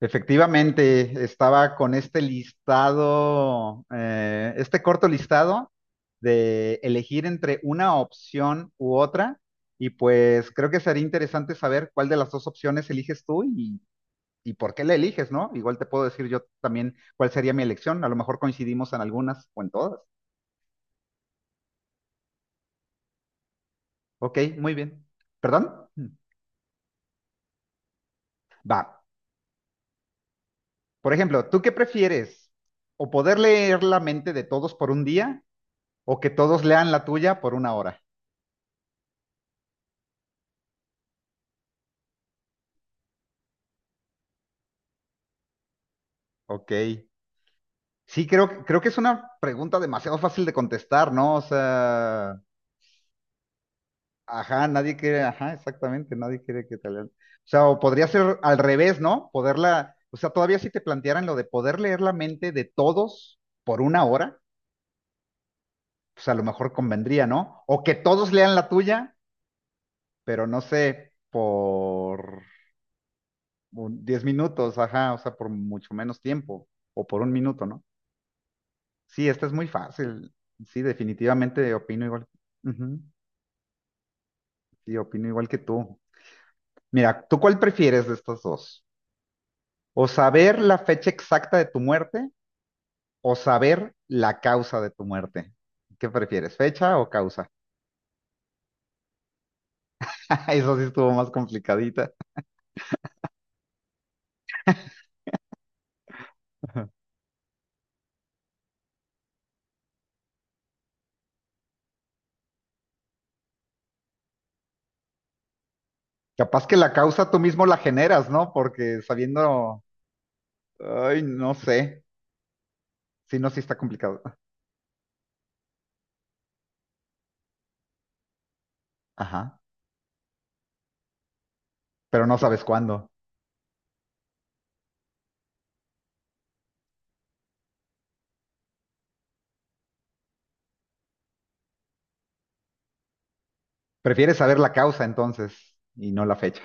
Efectivamente, estaba con este listado, este corto listado de elegir entre una opción u otra, y pues creo que sería interesante saber cuál de las dos opciones eliges tú y por qué la eliges, ¿no? Igual te puedo decir yo también cuál sería mi elección, a lo mejor coincidimos en algunas o en todas. Ok, muy bien. ¿Perdón? Va. Por ejemplo, ¿tú qué prefieres? ¿O poder leer la mente de todos por un día o que todos lean la tuya por una hora? Ok. Sí, creo que es una pregunta demasiado fácil de contestar, ¿no? O sea, ajá, nadie quiere, ajá, exactamente, nadie quiere que te lean. O sea, o podría ser al revés, ¿no? Poderla, o sea, todavía si te plantearan lo de poder leer la mente de todos por una hora, pues a lo mejor convendría, ¿no? O que todos lean la tuya, pero no sé, por 10 minutos, ajá, o sea, por mucho menos tiempo, o por un minuto, ¿no? Sí, esta es muy fácil. Sí, definitivamente opino igual. Ujú. Sí, opino igual que tú. Mira, ¿tú cuál prefieres de estos dos? ¿O saber la fecha exacta de tu muerte o saber la causa de tu muerte? ¿Qué prefieres, fecha o causa? Eso sí estuvo más complicadita. Capaz que la causa tú mismo la generas, ¿no? Porque sabiendo, ay, no sé. Sí, no, sí está complicado. Ajá, pero no sabes cuándo. Prefieres saber la causa entonces y no la fecha.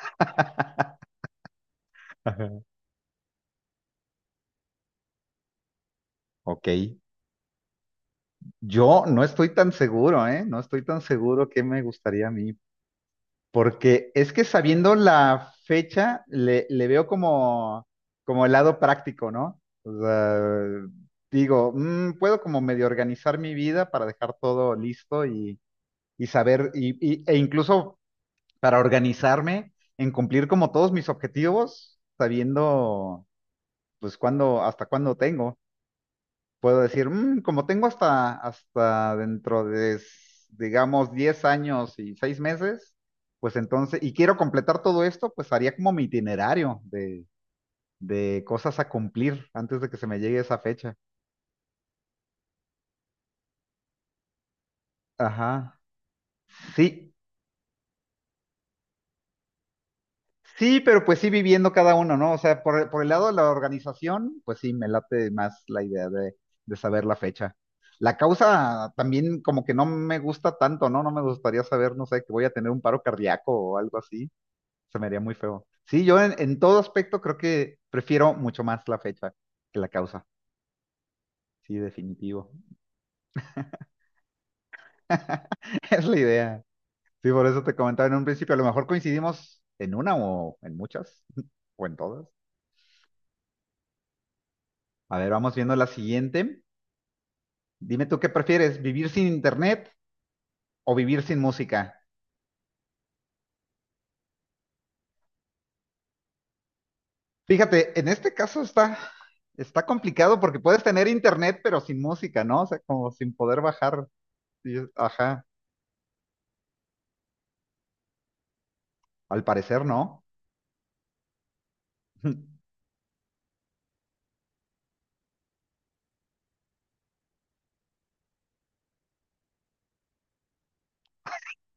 Ok, yo no estoy tan seguro, ¿eh? No estoy tan seguro qué me gustaría a mí, porque es que sabiendo la fecha, le veo como, como el lado práctico, ¿no? O sea, digo, puedo como medio organizar mi vida para dejar todo listo y saber, e incluso para organizarme en cumplir como todos mis objetivos, sabiendo pues cuándo, hasta cuándo tengo. Puedo decir, "Como tengo hasta dentro de, digamos, 10 años y 6 meses, pues entonces, y quiero completar todo esto, pues haría como mi itinerario de cosas a cumplir antes de que se me llegue esa fecha." Ajá. Sí, sí, pero pues sí viviendo cada uno, ¿no? O sea, por el lado de la organización, pues sí, me late más la idea de, saber la fecha. La causa también como que no me gusta tanto, ¿no? No me gustaría saber, no sé, que voy a tener un paro cardíaco o algo así. Se me haría muy feo. Sí, yo en todo aspecto creo que prefiero mucho más la fecha que la causa. Sí, definitivo. Es la idea. Sí, por eso te comentaba en un principio, a lo mejor coincidimos en una o en muchas o en todas. A ver, vamos viendo la siguiente. Dime tú qué prefieres, vivir sin internet o vivir sin música. Fíjate, en este caso está, complicado porque puedes tener internet pero sin música, ¿no? O sea, como sin poder bajar. Ajá, al parecer no.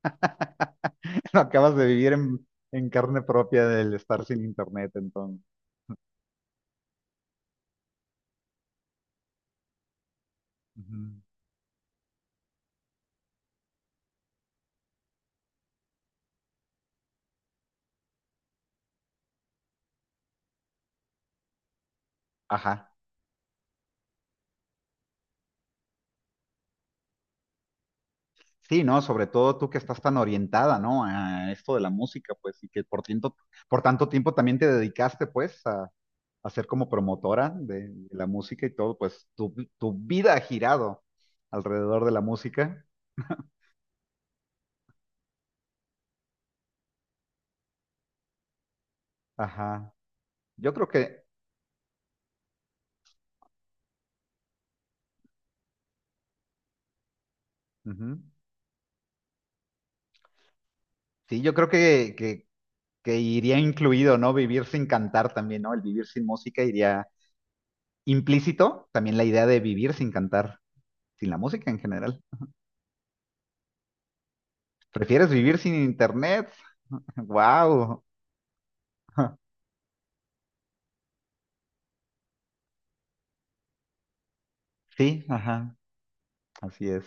Lo acabas de vivir en carne propia del estar sin internet, entonces. Ujú. Ajá. Sí, ¿no? Sobre todo tú que estás tan orientada, ¿no? A esto de la música, pues, y que por tiempo, por tanto tiempo también te dedicaste, pues, a, ser como promotora de la música y todo, pues, tu vida ha girado alrededor de la música. Ajá. Yo creo que, ujú. Sí, yo creo que iría incluido, ¿no? Vivir sin cantar también, ¿no? El vivir sin música iría implícito también la idea de vivir sin cantar, sin la música en general. ¿Prefieres vivir sin internet? ¡Wow! Sí, ajá, así es.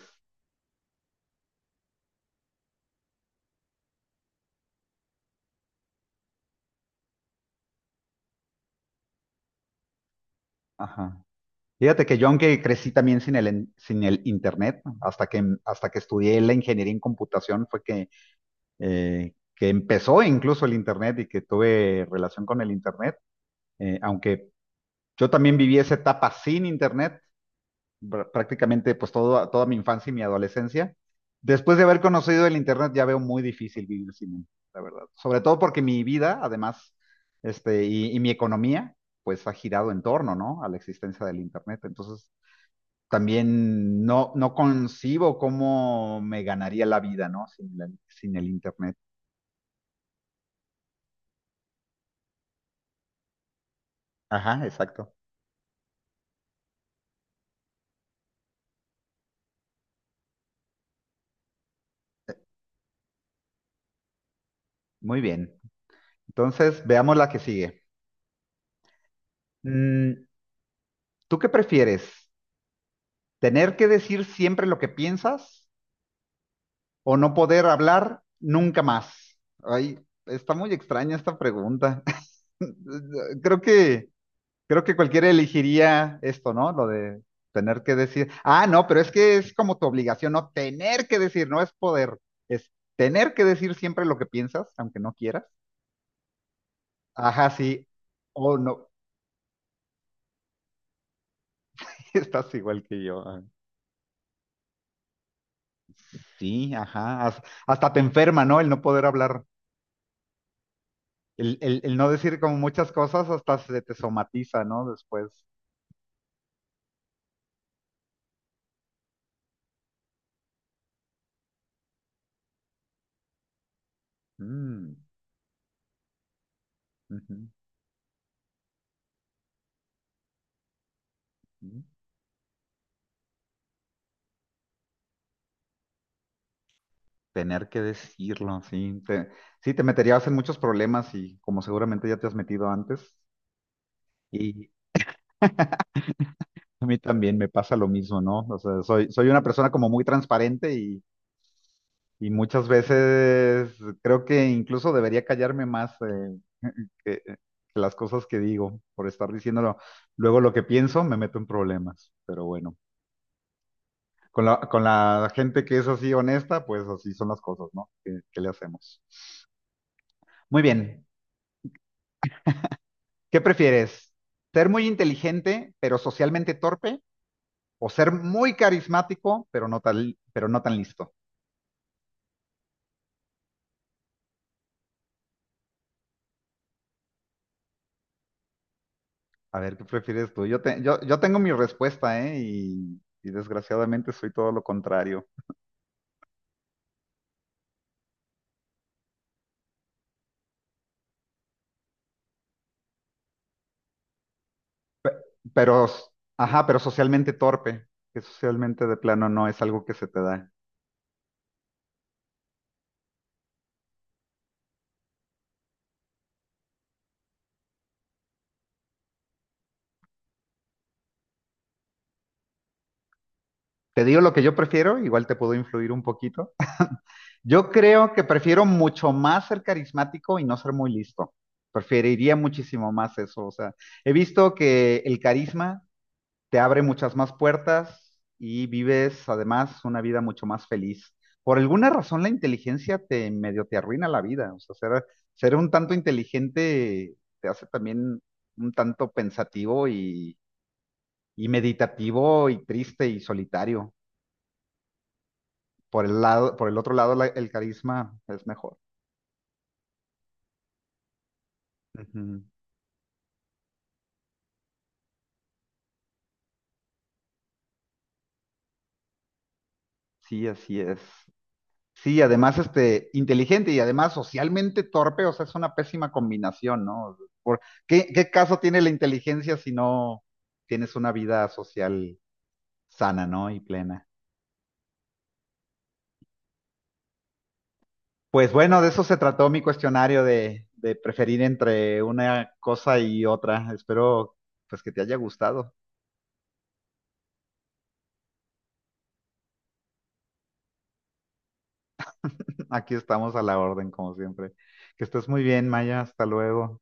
Ajá. Fíjate que yo, aunque crecí también sin el internet, hasta que estudié la ingeniería en computación, fue que empezó incluso el internet y que tuve relación con el internet. Aunque yo también viví esa etapa sin internet, prácticamente pues todo, toda mi infancia y mi adolescencia. Después de haber conocido el internet ya veo muy difícil vivir sin él, la verdad. Sobre todo porque mi vida, además, y mi economía, pues ha girado en torno, ¿no? A la existencia del internet. Entonces, también no, no concibo cómo me ganaría la vida, ¿no? Sin el internet. Ajá, exacto. Muy bien. Entonces, veamos la que sigue. Mm, ¿Tú qué prefieres? ¿Tener que decir siempre lo que piensas o no poder hablar nunca más? Ay, está muy extraña esta pregunta. Creo que, creo que cualquiera elegiría esto, ¿no? Lo de tener que decir. Ah, no, pero es que es como tu obligación, no tener que decir, no es poder, es tener que decir siempre lo que piensas, aunque no quieras. Ajá, sí. Oh, no, estás igual que yo. Ah, sí, ajá. Hasta te enferma, ¿no? El, no poder hablar. El no decir como muchas cosas hasta se te somatiza, ¿no? Después. Mm, ujú, ujú. Tener que decirlo, sí. Sí, te meterías en muchos problemas y como seguramente ya te has metido antes. Y a mí también me pasa lo mismo, ¿no? O sea, soy una persona como muy transparente y muchas veces creo que incluso debería callarme más que las cosas que digo por estar diciéndolo. Luego lo que pienso me meto en problemas, pero bueno. Con la gente que es así honesta, pues así son las cosas, ¿no? ¿Qué le hacemos? Muy bien. ¿Qué prefieres? ¿Ser muy inteligente pero socialmente torpe? ¿O ser muy carismático pero no tan listo? A ver, ¿qué prefieres tú? Yo tengo mi respuesta, ¿eh? Y desgraciadamente soy todo lo contrario. Pero, s- ajá, pero socialmente torpe, que socialmente de plano no es algo que se te da. Te digo lo que yo prefiero, igual te puedo influir un poquito. Yo creo que prefiero mucho más ser carismático y no ser muy listo. Preferiría muchísimo más eso. O sea, he visto que el carisma te abre muchas más puertas y vives además una vida mucho más feliz. Por alguna razón la inteligencia te medio te arruina la vida. O sea, ser un tanto inteligente te hace también un tanto pensativo y meditativo y triste y solitario. Por el lado, por el otro lado, el carisma es mejor. Ujú. Sí, así es. Sí, además, inteligente y además socialmente torpe, o sea, es una pésima combinación, ¿no? Por- qué caso tiene la inteligencia si no tienes una vida social sana, ¿no? Y plena. Pues bueno, de eso se trató mi cuestionario de, preferir entre una cosa y otra. Espero, pues, que te haya gustado. Aquí estamos a la orden, como siempre. Que estés muy bien, Maya. Hasta luego.